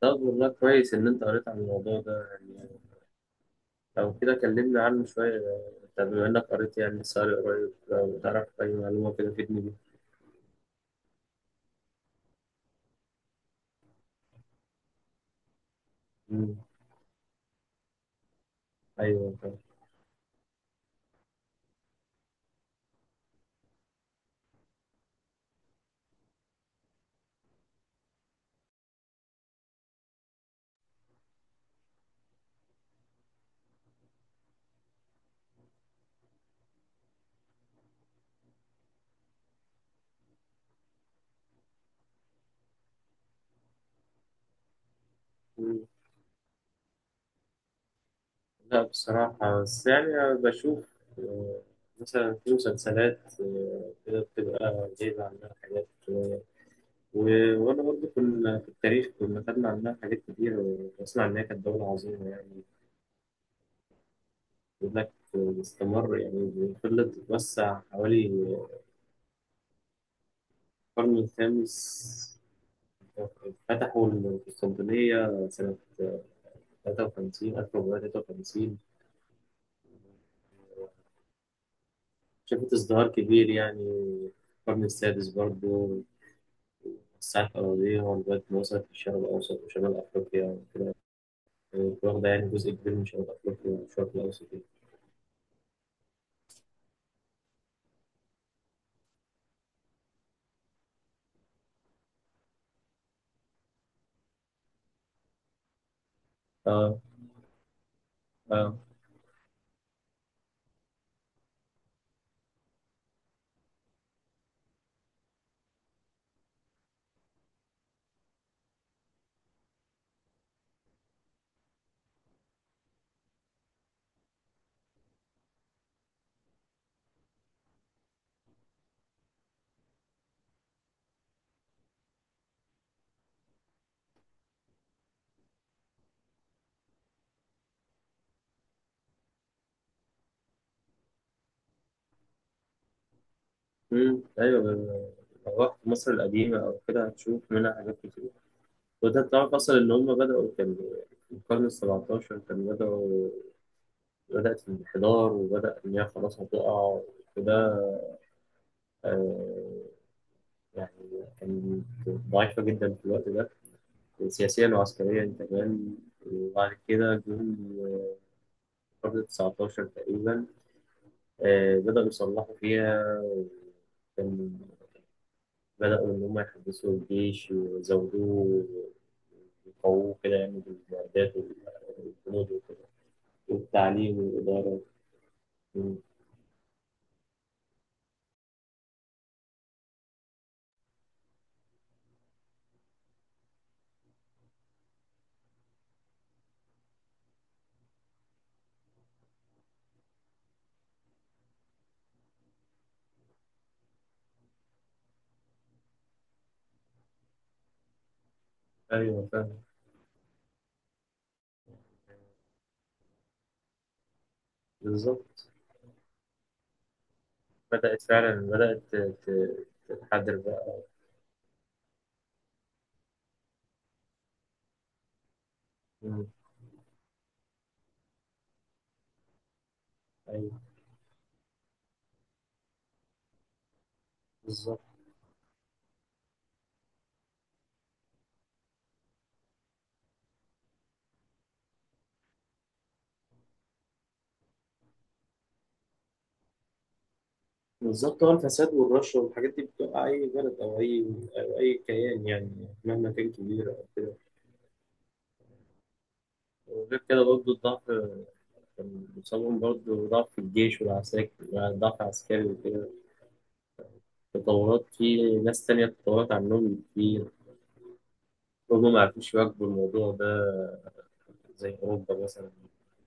طب والله كويس إن أنت قريت عن الموضوع ده يعني. لو كده كلمنا عنه شوية. طب بما إنك قريت يعني ساري قريب، لو تعرف أي معلومة كده تفيدني بيها. مم. أيوه طب. مم. لا بصراحة، بس يعني أنا بشوف، آه، مثلا في مسلسلات، كده بتبقى جايبة عنها حاجات شوية. وأنا برضه كنا في التاريخ، كنا خدنا عنها حاجات كتير، وأسمع إن هي كانت دولة عظيمة يعني. بيقول لك استمر، يعني فضلت تتوسع حوالي القرن الخامس. فتحوا القسطنطينية سنة 53 1453. شافت ازدهار كبير يعني. القرن السادس برضه وسعت أراضيها لغاية ما وصلت للشرق الأوسط وشمال أفريقيا وكده. يعني واخدة يعني جزء كبير من شمال أفريقيا والشرق الأوسط يعني. اه. اه. ايوه. لو رحت مصر القديمة أو كده هتشوف منها حاجات كتير. وده تعرف أصلا إن هم بدأوا، كان في القرن السبعتاشر كانوا بدأوا. بدأت في الانحدار، وبدأ إن هي خلاص هتقع. وده آه، يعني كانت ضعيفة جدا في الوقت ده، سياسيا وعسكريا كمان. وبعد كده جم، قرن 19 تقريبا. بدأوا يصلحوا فيها. كان بدأوا إن هم يحدثوا الجيش ويزودوه ويقووه كده، يعني بالمعدات والجنود وكده. والتعليم والإدارة. أيوه فاهم. بالظبط. بدأت فعلا، بدأت تتحضر بقى. مم. أيوة بالظبط. بالظبط، هو الفساد والرشوة والحاجات دي بتوقع أي بلد أو أي، أو أي كيان يعني، مهما كان كبير أو كده. وغير كده برضه الضعف، كان بيصابهم برضه ضعف في الجيش والعساكر، يعني ضعف عسكري وكده. تطورات في ناس تانية تطورت عنهم كتير، هما ما عرفوش يواكبوا الموضوع ده. زي أوروبا مثلا،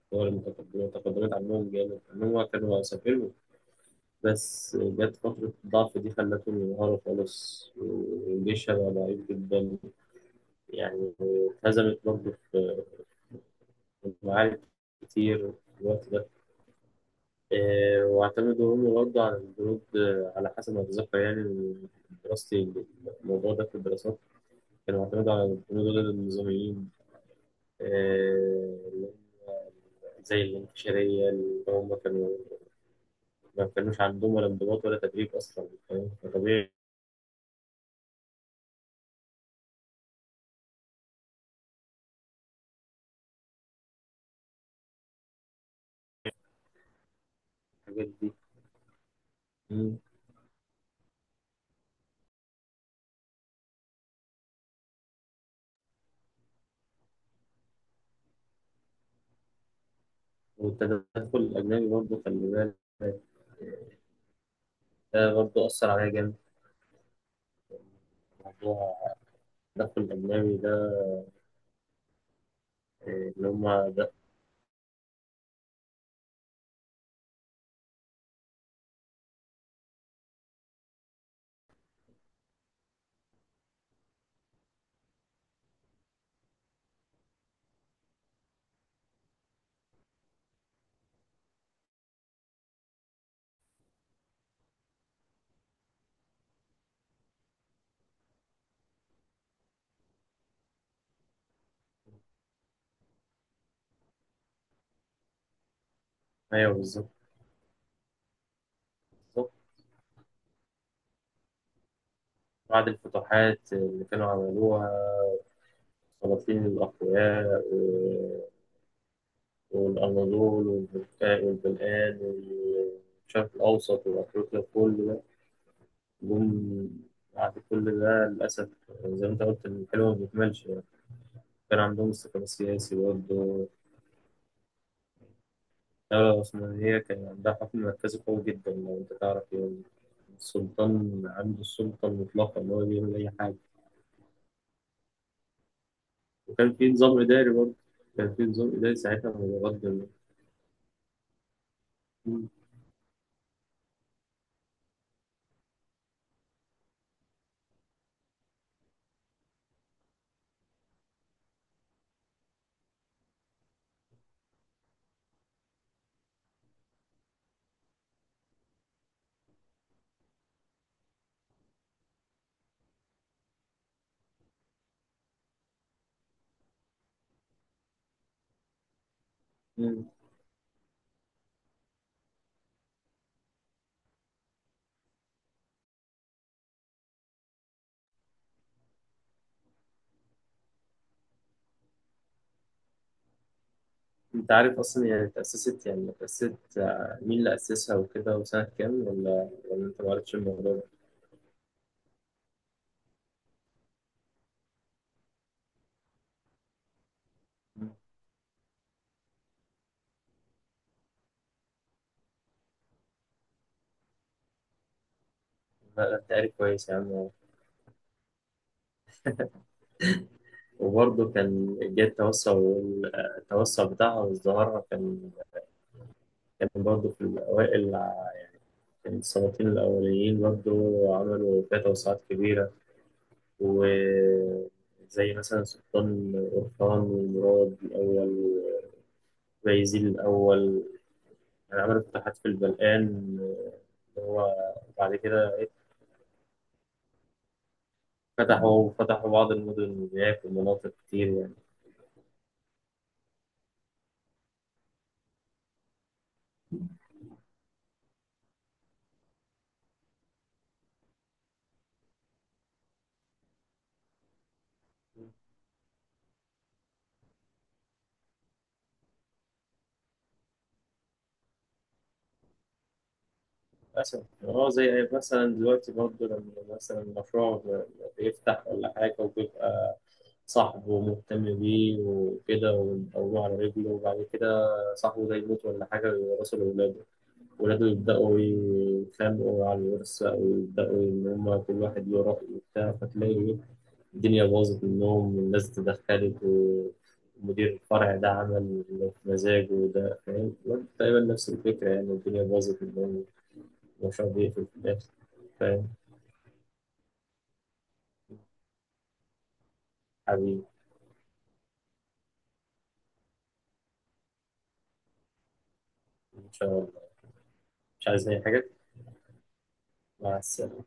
الدول المتقدمة تقدمت عنهم جامد، إن هما كانوا عساكر بس جت فترة الضعف دي خلته ينهار خالص، وجيشها بقى ضعيف جدا. يعني اتهزمت برضه في معارك كتير في الوقت ده. واعتمدوا هم برضه على الجنود، على حسب ما أتذكر يعني من دراستي، الموضوع ده في الدراسات، كانوا اعتمدوا على الجنود ضد النظاميين، آه، اللي هم زي الانكشارية، اللي هم كانوا ما كانوش عندهم ولا انضباط ولا تدريب أصلا، فاهم؟ فطبيعي الحاجات دي. والتدخل الأجنبي برضه، خلي بالك ده برضه أثر عليا جامد في موضوع التدخل الأجنبي ده، اللي هما ده. أيوه بالظبط. بالظبط. بعد الفتوحات اللي كانوا عملوها السلاطين الأقوياء والأناضول والبلقان والشرق الأوسط وأفريقيا، كل ده جم بعد كل ده للأسف. زي ما أنت قلت، الحلو ما بيكملش يعني. كان عندهم استقرار سياسي برضه. اه، عثمانية كان عندها حكم مركزي قوي جدا، لو أنت تعرف يعني السلطان عنده السلطة المطلقة، إن هو بيعمل أي حاجة. وكان في نظام إداري برضه، كان في نظام إداري ساعتها متقدم. مم. مم. أنت عارف أصلا يعني تأسست، مين اللي أسسها وكده، وسنة كام، ولا أنت معرفتش الموضوع ده؟ مم. لا لا، أنت عارف كويس يا عم. وبرضه كان جه التوسع، التوسع بتاعها وازدهارها، كان برضه في الأوائل، السلاطين الأوليين برضو عملوا فيها توسعات كبيرة، وزي مثلا سلطان أورخان ومراد الأول وبايزيد الأول، يعني عملوا فتوحات في البلقان اللي هو بعد كده. فتحوا بعض المدن هناك ومناطق كتير يعني. للأسف. اه، زي مثلا دلوقتي برضه، لما مثلا مشروع بيفتح ولا حاجة، وبيبقى صاحبه مهتم بيه وكده ويقومه على رجله، وبعد كده صاحبه ده يموت ولا حاجة ويورثه لأولاده، ولاده يبدأوا يتخانقوا على الورث بقى، ويبدأوا إن هما كل واحد له رأي وبتاع، فتلاقي الدنيا باظت منهم والناس اتدخلت، ومدير الفرع ده عمل اللي في مزاجه وده، فاهم؟ تقريبا نفس الفكرة يعني، الدنيا باظت منهم، وشاء الله في الآخر. فاهم؟ حبيبي. إن شاء الله. مش عايز أي حاجة. مع السلامة.